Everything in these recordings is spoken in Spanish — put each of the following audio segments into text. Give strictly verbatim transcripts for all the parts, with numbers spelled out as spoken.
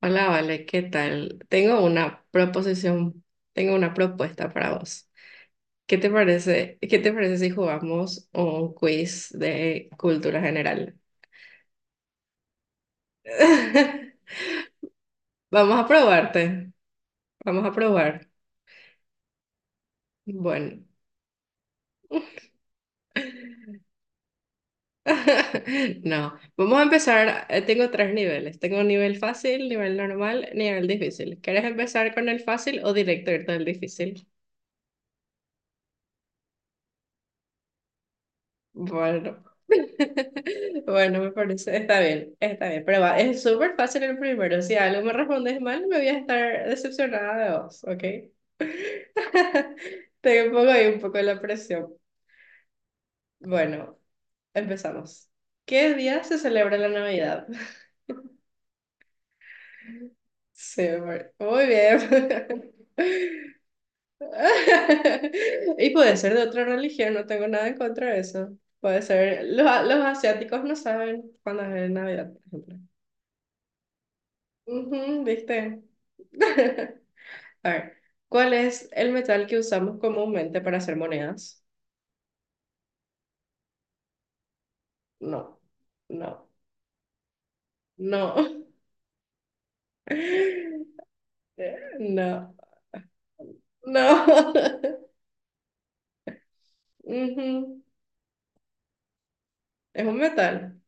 Hola, Vale, ¿qué tal? Tengo una proposición, tengo una propuesta para vos. ¿Qué te parece, qué te parece si jugamos un quiz de cultura general? Vamos a probarte, vamos a probar. Bueno, no, vamos a empezar, eh, tengo tres niveles, tengo un nivel fácil, nivel normal, nivel difícil. ¿Quieres empezar con el fácil o directo irte al difícil? Bueno, bueno, me parece, está bien, está bien, pero va, es súper fácil el primero. Si algo me respondes mal, me voy a estar decepcionada de vos, ¿ok? Te pongo ahí un poco la presión. Bueno, empezamos. ¿Qué día se celebra la Navidad? Sí, amor. Muy bien. Y puede ser de otra religión, no tengo nada en contra de eso. Puede ser, los, los asiáticos no saben cuándo es Navidad, por ejemplo. Ujú, ¿viste? A ver, ¿cuál es el metal que usamos comúnmente para hacer monedas? No, no, no, no, no. Ujú. Es un metal.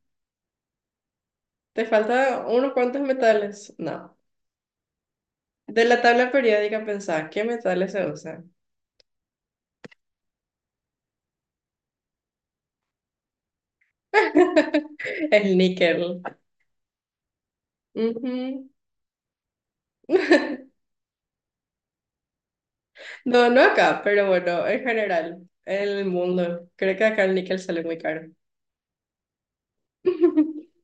Te faltan unos cuantos metales. No. De la tabla periódica pensá, ¿qué metales se usan? El níquel. Ujú. No, no acá, pero bueno, en general, en el mundo. Creo que acá el níquel sale muy caro.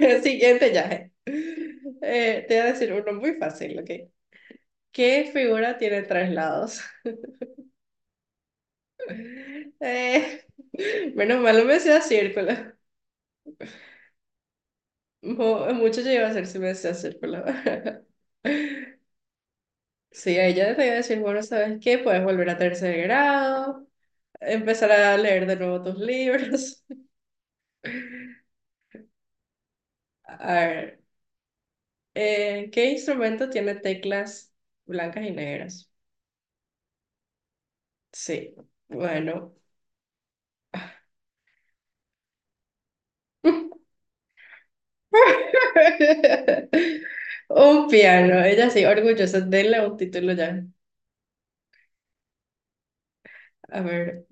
El siguiente ya. Eh, te voy a decir uno muy fácil, ¿ok? ¿Qué figura tiene tres lados? Eh, menos mal no me decía círculo. Mu- mucho yo iba a hacer si me decía círculo. Sí, a ella te voy a decir, bueno, ¿sabes qué? Puedes volver a tercer grado, empezar a leer de nuevo tus libros. A ver, eh, ¿qué instrumento tiene teclas blancas y negras? Sí, bueno. Un piano, ella sí, orgullosa, denle un título ya. A ver,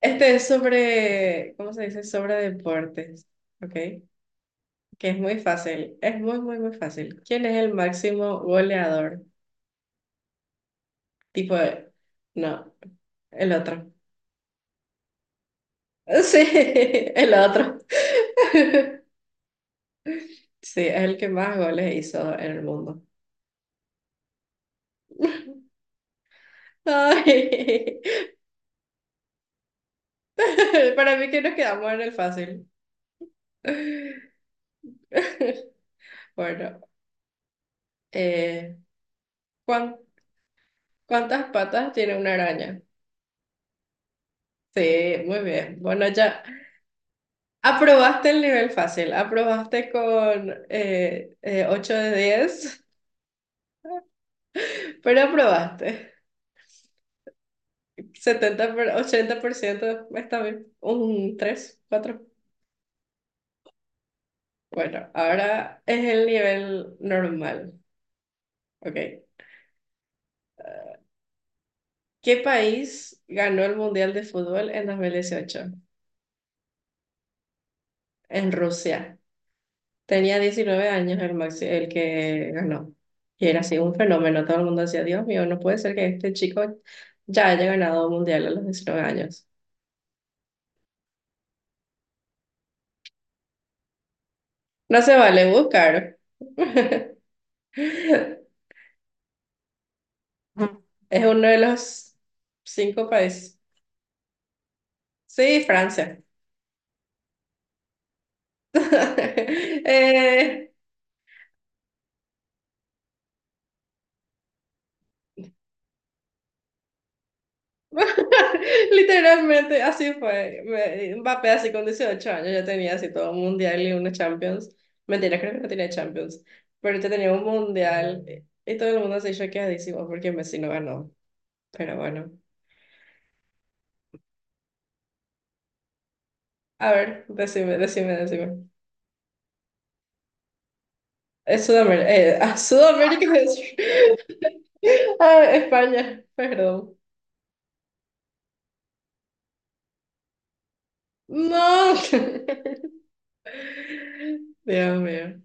este es sobre, ¿cómo se dice? Sobre deportes, ¿ok? Que es muy fácil, es muy, muy, muy fácil. ¿Quién es el máximo goleador? Tipo, no, el otro. Sí, el otro. Sí, es el que más goles hizo en el mundo. Ay, para mí que nos quedamos en el fácil. Bueno, Eh, ¿cuán- ¿cuántas patas tiene una araña? Sí, muy bien. Bueno, ya aprobaste el nivel fácil. Aprobaste con eh, eh, ocho de diez, pero aprobaste. Setenta por- ochenta por ciento está bien. Un tres cuatro. Bueno, ahora es el nivel normal. Ok. ¿Qué país ganó el Mundial de Fútbol en dos mil dieciocho? En Rusia. Tenía diecinueve años el, maxi- el que ganó. Y era así un fenómeno. Todo el mundo decía, Dios mío, no puede ser que este chico ya haya ganado un mundial a los diecinueve años. No se vale buscar. Es uno de los cinco países. Sí, Francia. Eh, Literalmente así fue. Me- Mbappé así con dieciocho años ya tenía así todo un mundial y una Champions. Mentira, creo que no tenía Champions, pero ya tenía un mundial eh, y todo el mundo se choqueadísimo porque Messi no ganó. Pero bueno, a ver, decime, decime, decime. Es Sudamérica, eh, ah, Sudamérica, es- Ah, España, perdón. No. Dios mío.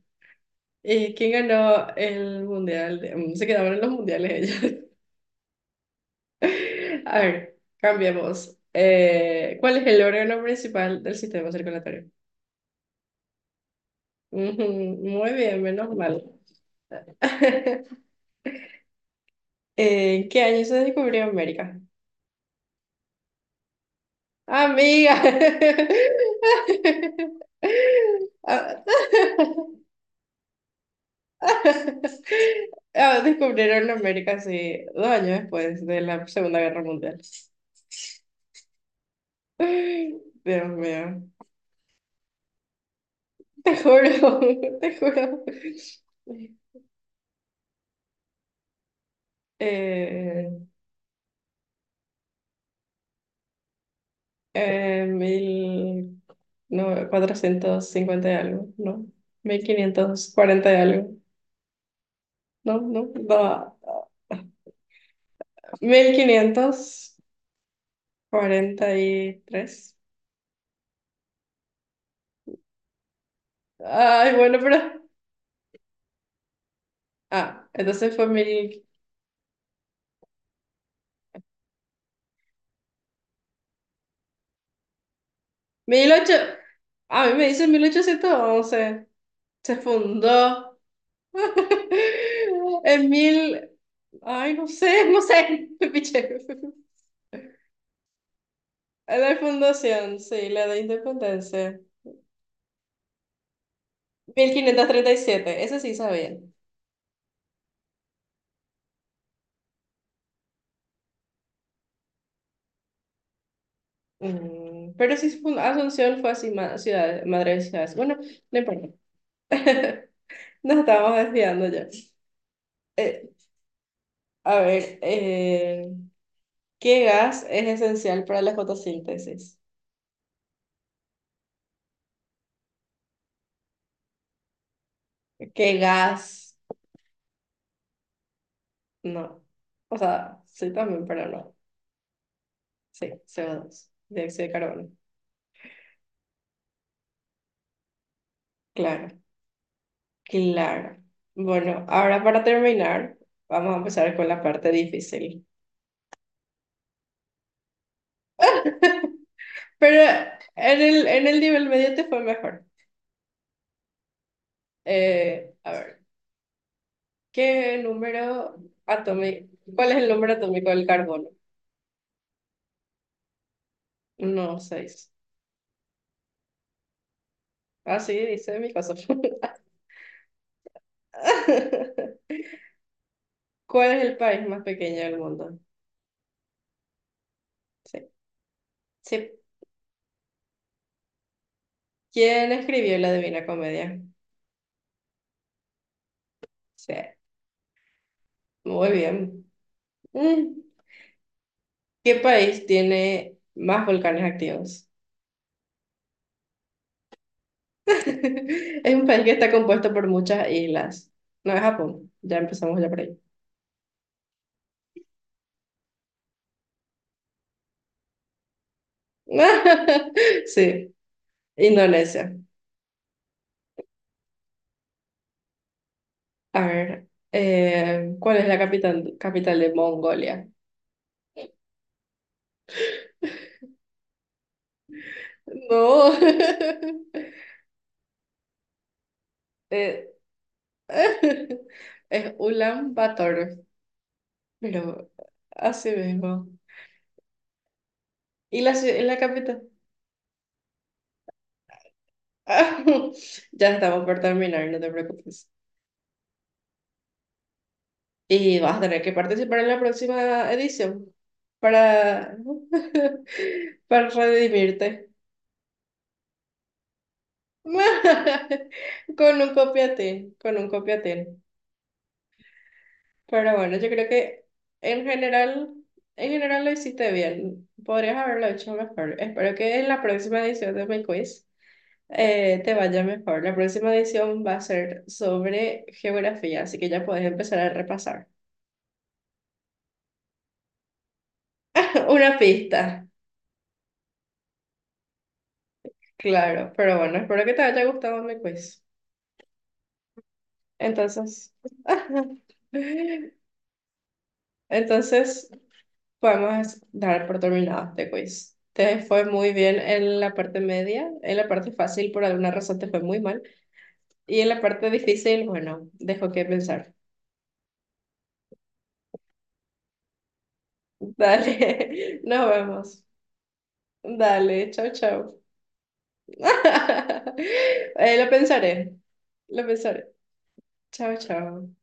¿Y quién ganó el mundial? de- mm, Se quedaban en los mundiales ellos. A ver, cambiemos. Eh, ¿cuál es el órgano principal del sistema circulatorio? Ujú. Muy bien, menos mal. Eh, ¿en qué año se descubrió América? Amiga. Ah, ah, descubrieron América, sí, dos años después de la Segunda Guerra Mundial. Dios mío, te juro, te juro. Eh, Eh, mil no, cuatrocientos cincuenta y algo, ¿no? Mil quinientos cuarenta y algo, ¿no? No, no, mil quinientos cuarenta y tres. Ay, bueno, pero... Ah, entonces fue mil... 1800... A mí me dice mil ochocientos once. Se fundó en mil... Ay, no sé, no sé. Me piché. La fundación, sí, la de independencia. Mil quinientos treinta y siete eso sí sabía. Mm, pero sí, fue- Asunción fue así, ma- ciudad, madre de ciudades. Bueno, no importa. Nos estamos desviando ya. Eh, a ver, eh, ¿qué gas es esencial para la fotosíntesis? ¿Qué gas? No. O sea, sí también, pero no. Sí, co dos, dióxido de carbono. Claro, claro. Bueno, ahora para terminar, vamos a empezar con la parte difícil. Pero en el, en el nivel medio te fue mejor. Eh, a ver, ¿qué número atómico? ¿Cuál es el número atómico del carbono? No, seis. Ah, sí, dice mi caso. ¿Cuál es el país más pequeño del mundo? Sí. Sí. ¿Quién escribió la Divina Comedia? Sí. Muy bien. Mm. ¿Qué país tiene más volcanes activos? Es un país que está compuesto por muchas islas. No es Japón. Ya empezamos ya por ahí. Sí, Indonesia. A ver, eh, ¿cuál es la capital, capital de Mongolia? No. Eh, es Ulan Bator, pero así mismo. ¿Y la, ci- la capital? Ya estamos por terminar, no te preocupes. Y vas a tener que participar en la próxima edición para, para redimirte. Con un copiatín, con un copiatín. Pero bueno, yo creo que en general, en general lo hiciste bien. Podrías haberlo hecho mejor. Espero que en la próxima edición de mi quiz eh, te vaya mejor. La próxima edición va a ser sobre geografía, así que ya puedes empezar a repasar. Una pista, claro. Pero bueno, espero que te haya gustado mi quiz. Entonces, entonces podemos dar por terminado este quiz. Te fue muy bien en la parte media, en la parte fácil por alguna razón te fue muy mal y en la parte difícil, bueno, dejo que pensar. Dale, nos vemos. Dale, chao, chao. Eh, lo pensaré, lo pensaré. Chao, chao.